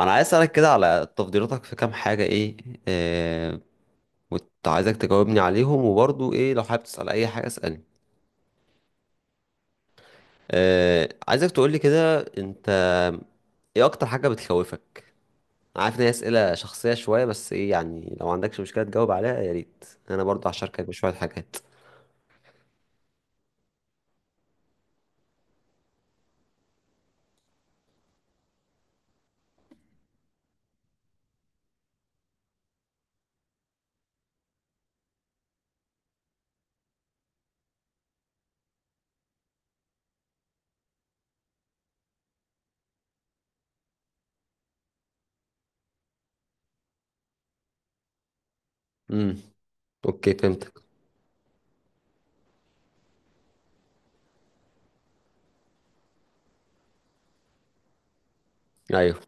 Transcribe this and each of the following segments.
انا عايز اسالك كده على تفضيلاتك في كام حاجه ايه. آه. وكنت عايزك تجاوبني عليهم، وبرضو ايه لو حابب تسال اي حاجه اسالني. آه، عايزك تقولي كده انت، ايه اكتر حاجه بتخوفك؟ أنا عارف ان هي اسئله شخصيه شويه، بس ايه يعني لو عندكش مشكله تجاوب عليها يا ريت، انا برضو هشاركك بشويه حاجات. امم، اوكي فهمتك. ايوه،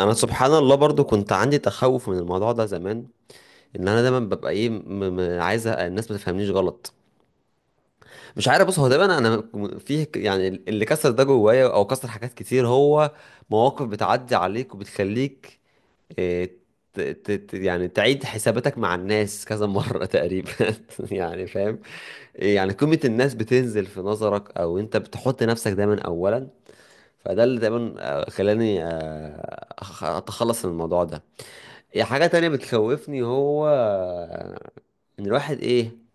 انا سبحان الله برضو كنت عندي تخوف من الموضوع ده زمان، ان انا دايما ببقى ايه م م عايز الناس ما تفهمنيش غلط. مش عارف، بص هو ده انا. فيه يعني اللي كسر ده جوايا او كسر حاجات كتير، هو مواقف بتعدي عليك وبتخليك إيه، يعني تعيد حساباتك مع الناس كذا مرة تقريبا، يعني فاهم. يعني قيمة الناس بتنزل في نظرك، او انت بتحط نفسك دايما اولا. فده اللي دايما خلاني اتخلص من الموضوع ده. حاجة تانية بتخوفني هو ان الواحد ايه،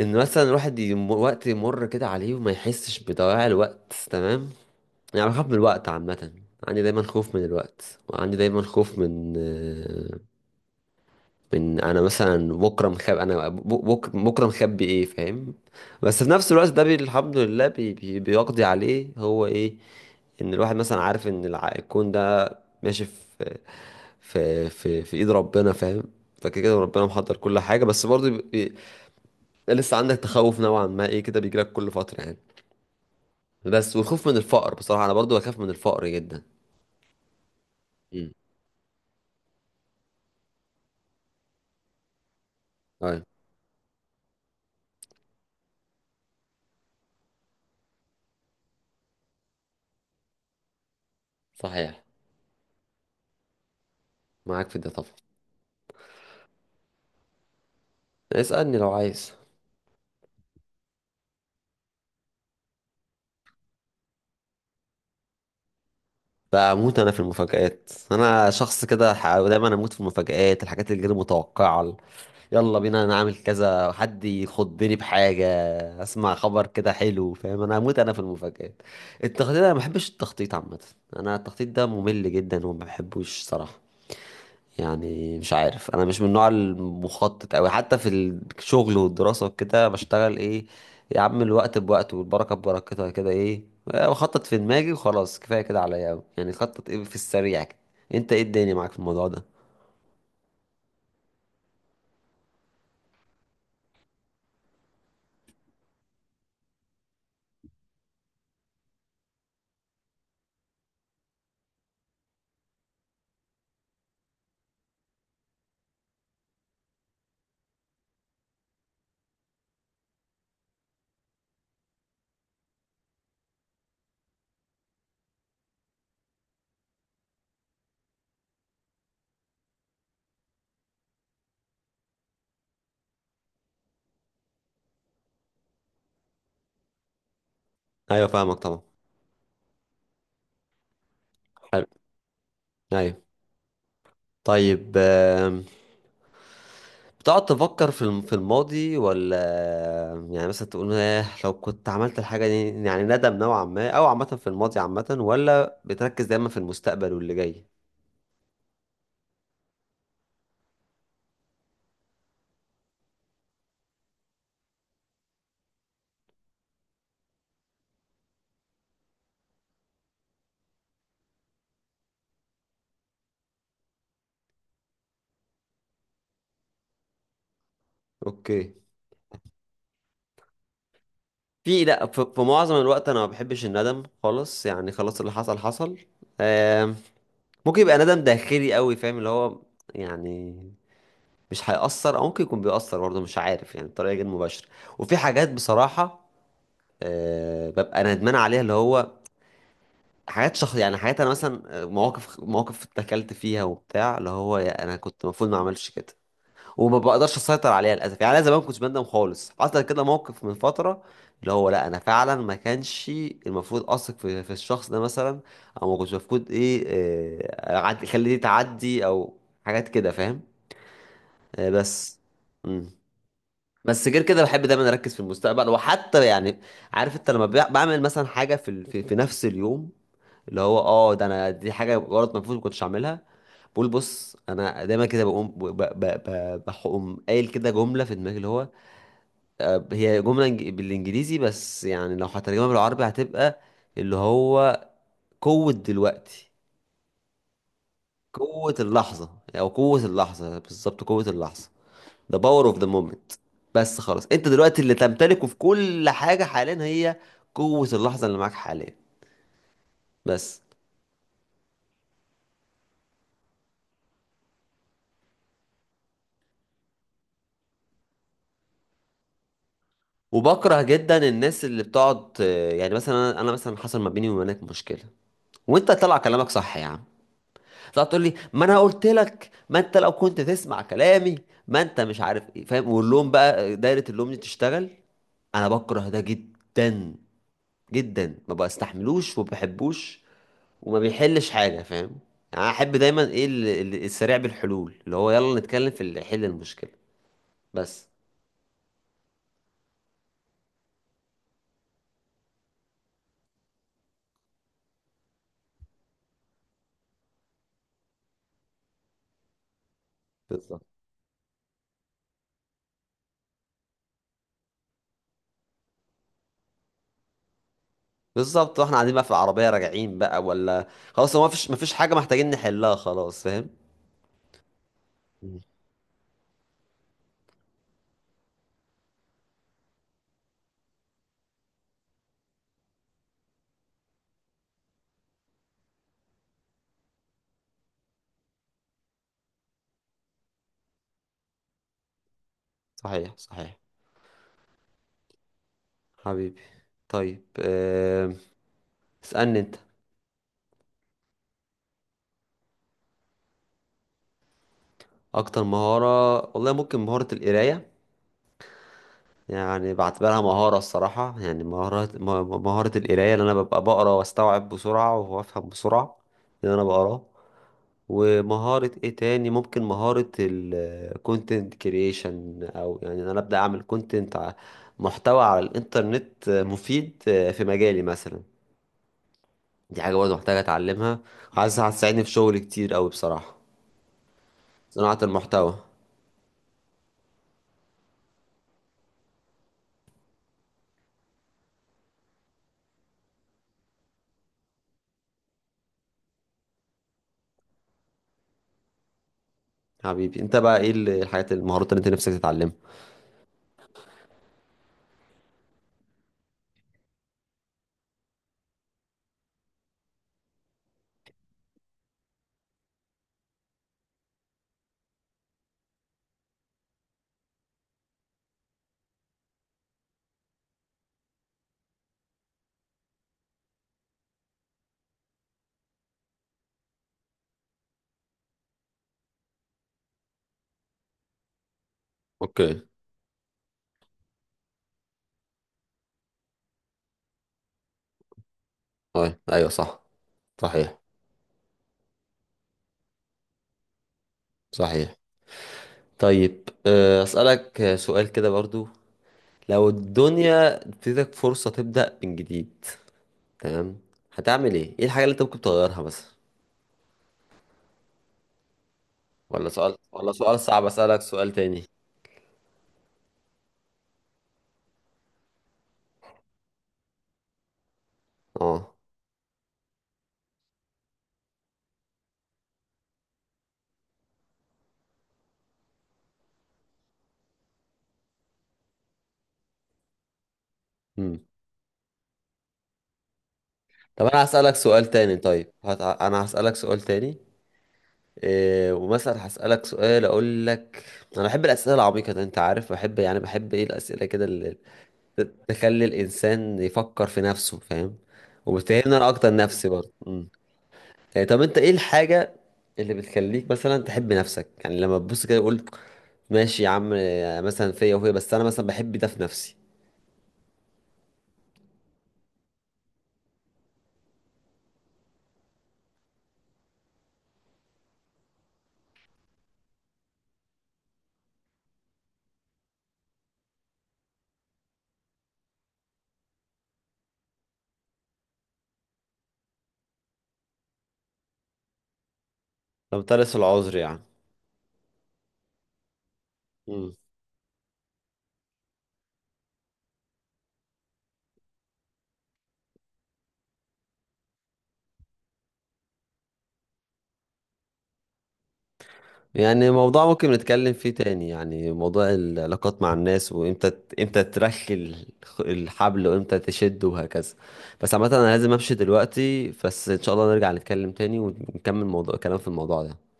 ان مثلا الواحد وقت يمر كده عليه وما يحسش بضياع الوقت، تمام. يعني بخاف من الوقت عامة، عندي دايما خوف من الوقت، وعندي دايما خوف من من انا مثلا بكره مخبي. انا بكره مخبي، ايه فاهم. بس في نفس الوقت ده الحمد لله بي بي بيقضي عليه هو ايه، ان الواحد مثلا عارف ان الكون ده ماشي في ايد ربنا فاهم. فكده كده ربنا محضر كل حاجة، بس برضه لسه عندك تخوف نوعا ما، ايه كده بيجيلك كل فترة يعني. بس والخوف من الفقر بصراحة، انا برضو بخاف من الفقر جدا. امم. طيب. صحيح. معاك في ده طبعا. اسألني لو عايز. بموت انا في المفاجآت، انا شخص كده دايما اموت في المفاجآت، الحاجات اللي غير متوقعة، يلا بينا نعمل كذا، حد يخضني بحاجة، اسمع خبر كده حلو فاهم. انا اموت انا في المفاجآت. التخطيط، انا ما بحبش التخطيط عامة، انا التخطيط ده ممل جدا وما بحبوش صراحة. يعني مش عارف، انا مش من النوع المخطط اوي، حتى في الشغل والدراسه وكده بشتغل ايه، يا عم الوقت بوقت والبركه ببركتها كده، ايه، بخطط في دماغي وخلاص كفايه كده عليا اوي، يعني خطط ايه في السريع كده. انت ايه الدنيا معاك في الموضوع ده؟ ايوه فاهمك طبعا. حلو. ايوه. طيب، بتقعد تفكر في الماضي، ولا يعني مثلا تقول ايه لو كنت عملت الحاجة دي، يعني ندم نوعا ما او عامة في الماضي عامة، ولا بتركز دايما في المستقبل واللي جاي؟ اوكي. لا، في معظم الوقت انا ما بحبش الندم خالص، يعني خلاص اللي حصل حصل. آم، ممكن يبقى ندم داخلي قوي فاهم، اللي هو يعني مش هيأثر، او ممكن يكون بيأثر برضه مش عارف يعني بطريقة غير مباشرة. وفي حاجات بصراحة ببقى ندمان عليها، اللي هو حاجات شخص، يعني حاجات انا مثلا مواقف مواقف اتكلت فيها وبتاع، اللي هو يا انا كنت المفروض ما اعملش كده وما بقدرش اسيطر عليها للاسف. يعني انا زمان كنت بندم خالص، حصل كده موقف من فتره اللي هو لا، انا فعلا ما كانش المفروض اثق في الشخص ده مثلا، او ما كنتش المفروض ايه اخليه تعدي، او حاجات كده فاهم. بس. مم. بس غير كده بحب دايما اركز في المستقبل، وحتى يعني عارف انت لما بعمل مثلا حاجه في في نفس اليوم، اللي هو اه ده انا دي حاجه غلط المفروض ما كنتش اعملها، بقول بص. انا دايما كده بقوم ب- ب- ب- بقوم قايل كده جمله في دماغي، اللي هو هي جمله بالانجليزي، بس يعني لو هترجمها بالعربي هتبقى اللي هو قوه دلوقتي. قوه اللحظه، او قوه اللحظه بالظبط، قوه اللحظه. the power of the moment. بس خلاص انت دلوقتي اللي تمتلكه في كل حاجه حاليا هي قوه اللحظه اللي معاك حاليا، بس. وبكره جدا الناس اللي بتقعد يعني مثلا انا، مثلا حصل ما بيني وما بينك مشكله، وانت طلع كلامك صح يا عم، تطلع تقول لي ما انا قلت لك، ما انت لو كنت تسمع كلامي، ما انت مش عارف ايه فاهم، واللوم بقى، دايرة اللوم دي تشتغل. انا بكره ده جدا جدا، ما بستحملوش وما بحبوش، وما بيحلش حاجة فاهم. يعني انا احب دايما ايه السريع بالحلول، اللي هو يلا نتكلم في اللي يحل المشكلة بس. بالظبط، بالظبط. واحنا قاعدين بقى في العربية راجعين بقى، ولا خلاص هو ما فيش حاجة محتاجين نحلها خلاص فاهم. مم. صحيح، صحيح. حبيبي. طيب، اسألني انت. اكتر مهارة والله، ممكن مهارة القراية، يعني بعتبرها مهارة. الصراحة يعني مهارة مهارة القراية، اللي انا ببقى بقرا واستوعب بسرعة وافهم بسرعة اللي انا بقراه. ومهارة ايه تاني، ممكن مهارة الكونتنت كرييشن، او يعني إن انا ابدأ اعمل كونتنت، محتوى على الانترنت مفيد في مجالي مثلا. دي حاجة برضه محتاجة اتعلمها، عايز هتساعدني في شغل كتير اوي بصراحة. صناعة المحتوى. حبيبي، انت بقى ايه الحاجات، المهارات اللي انت نفسك تتعلمها. اوكي. طيب ايوه صح. صحيح، صحيح. طيب اسالك سؤال كده برضو، لو الدنيا اديتك فرصة تبدأ من جديد. تمام. هتعمل ايه، ايه الحاجة اللي انت ممكن تغيرها مثلا؟ ولا سؤال، ولا سؤال صعب اسالك سؤال تاني؟ اه. امم طب انا هسالك سؤال تاني، طيب انا هسالك سؤال تاني. إيه، ومثلا هسألك سؤال أقول لك، أنا بحب الأسئلة العميقة ده، أنت عارف بحب يعني بحب إيه الأسئلة كده، ت- تخلي الإنسان يفكر في نفسه فاهم، وبتهمنا أنا أكتر نفسي برضه. مم. يعني طب أنت إيه الحاجة اللي بتخليك مثلا تحب نفسك، يعني لما تبص كده تقول ماشي يا عم، مثلا فيا وفيا، بس أنا مثلا بحب ده في نفسي. فمترس العذر يعني. مم. يعني موضوع ممكن نتكلم فيه تاني، يعني موضوع العلاقات مع الناس، وامتى امتى ترخي الحبل وامتى تشد وهكذا. بس عامة انا لازم امشي دلوقتي، بس ان شاء الله نرجع نتكلم تاني ونكمل موضوع، كلام في الموضوع ده.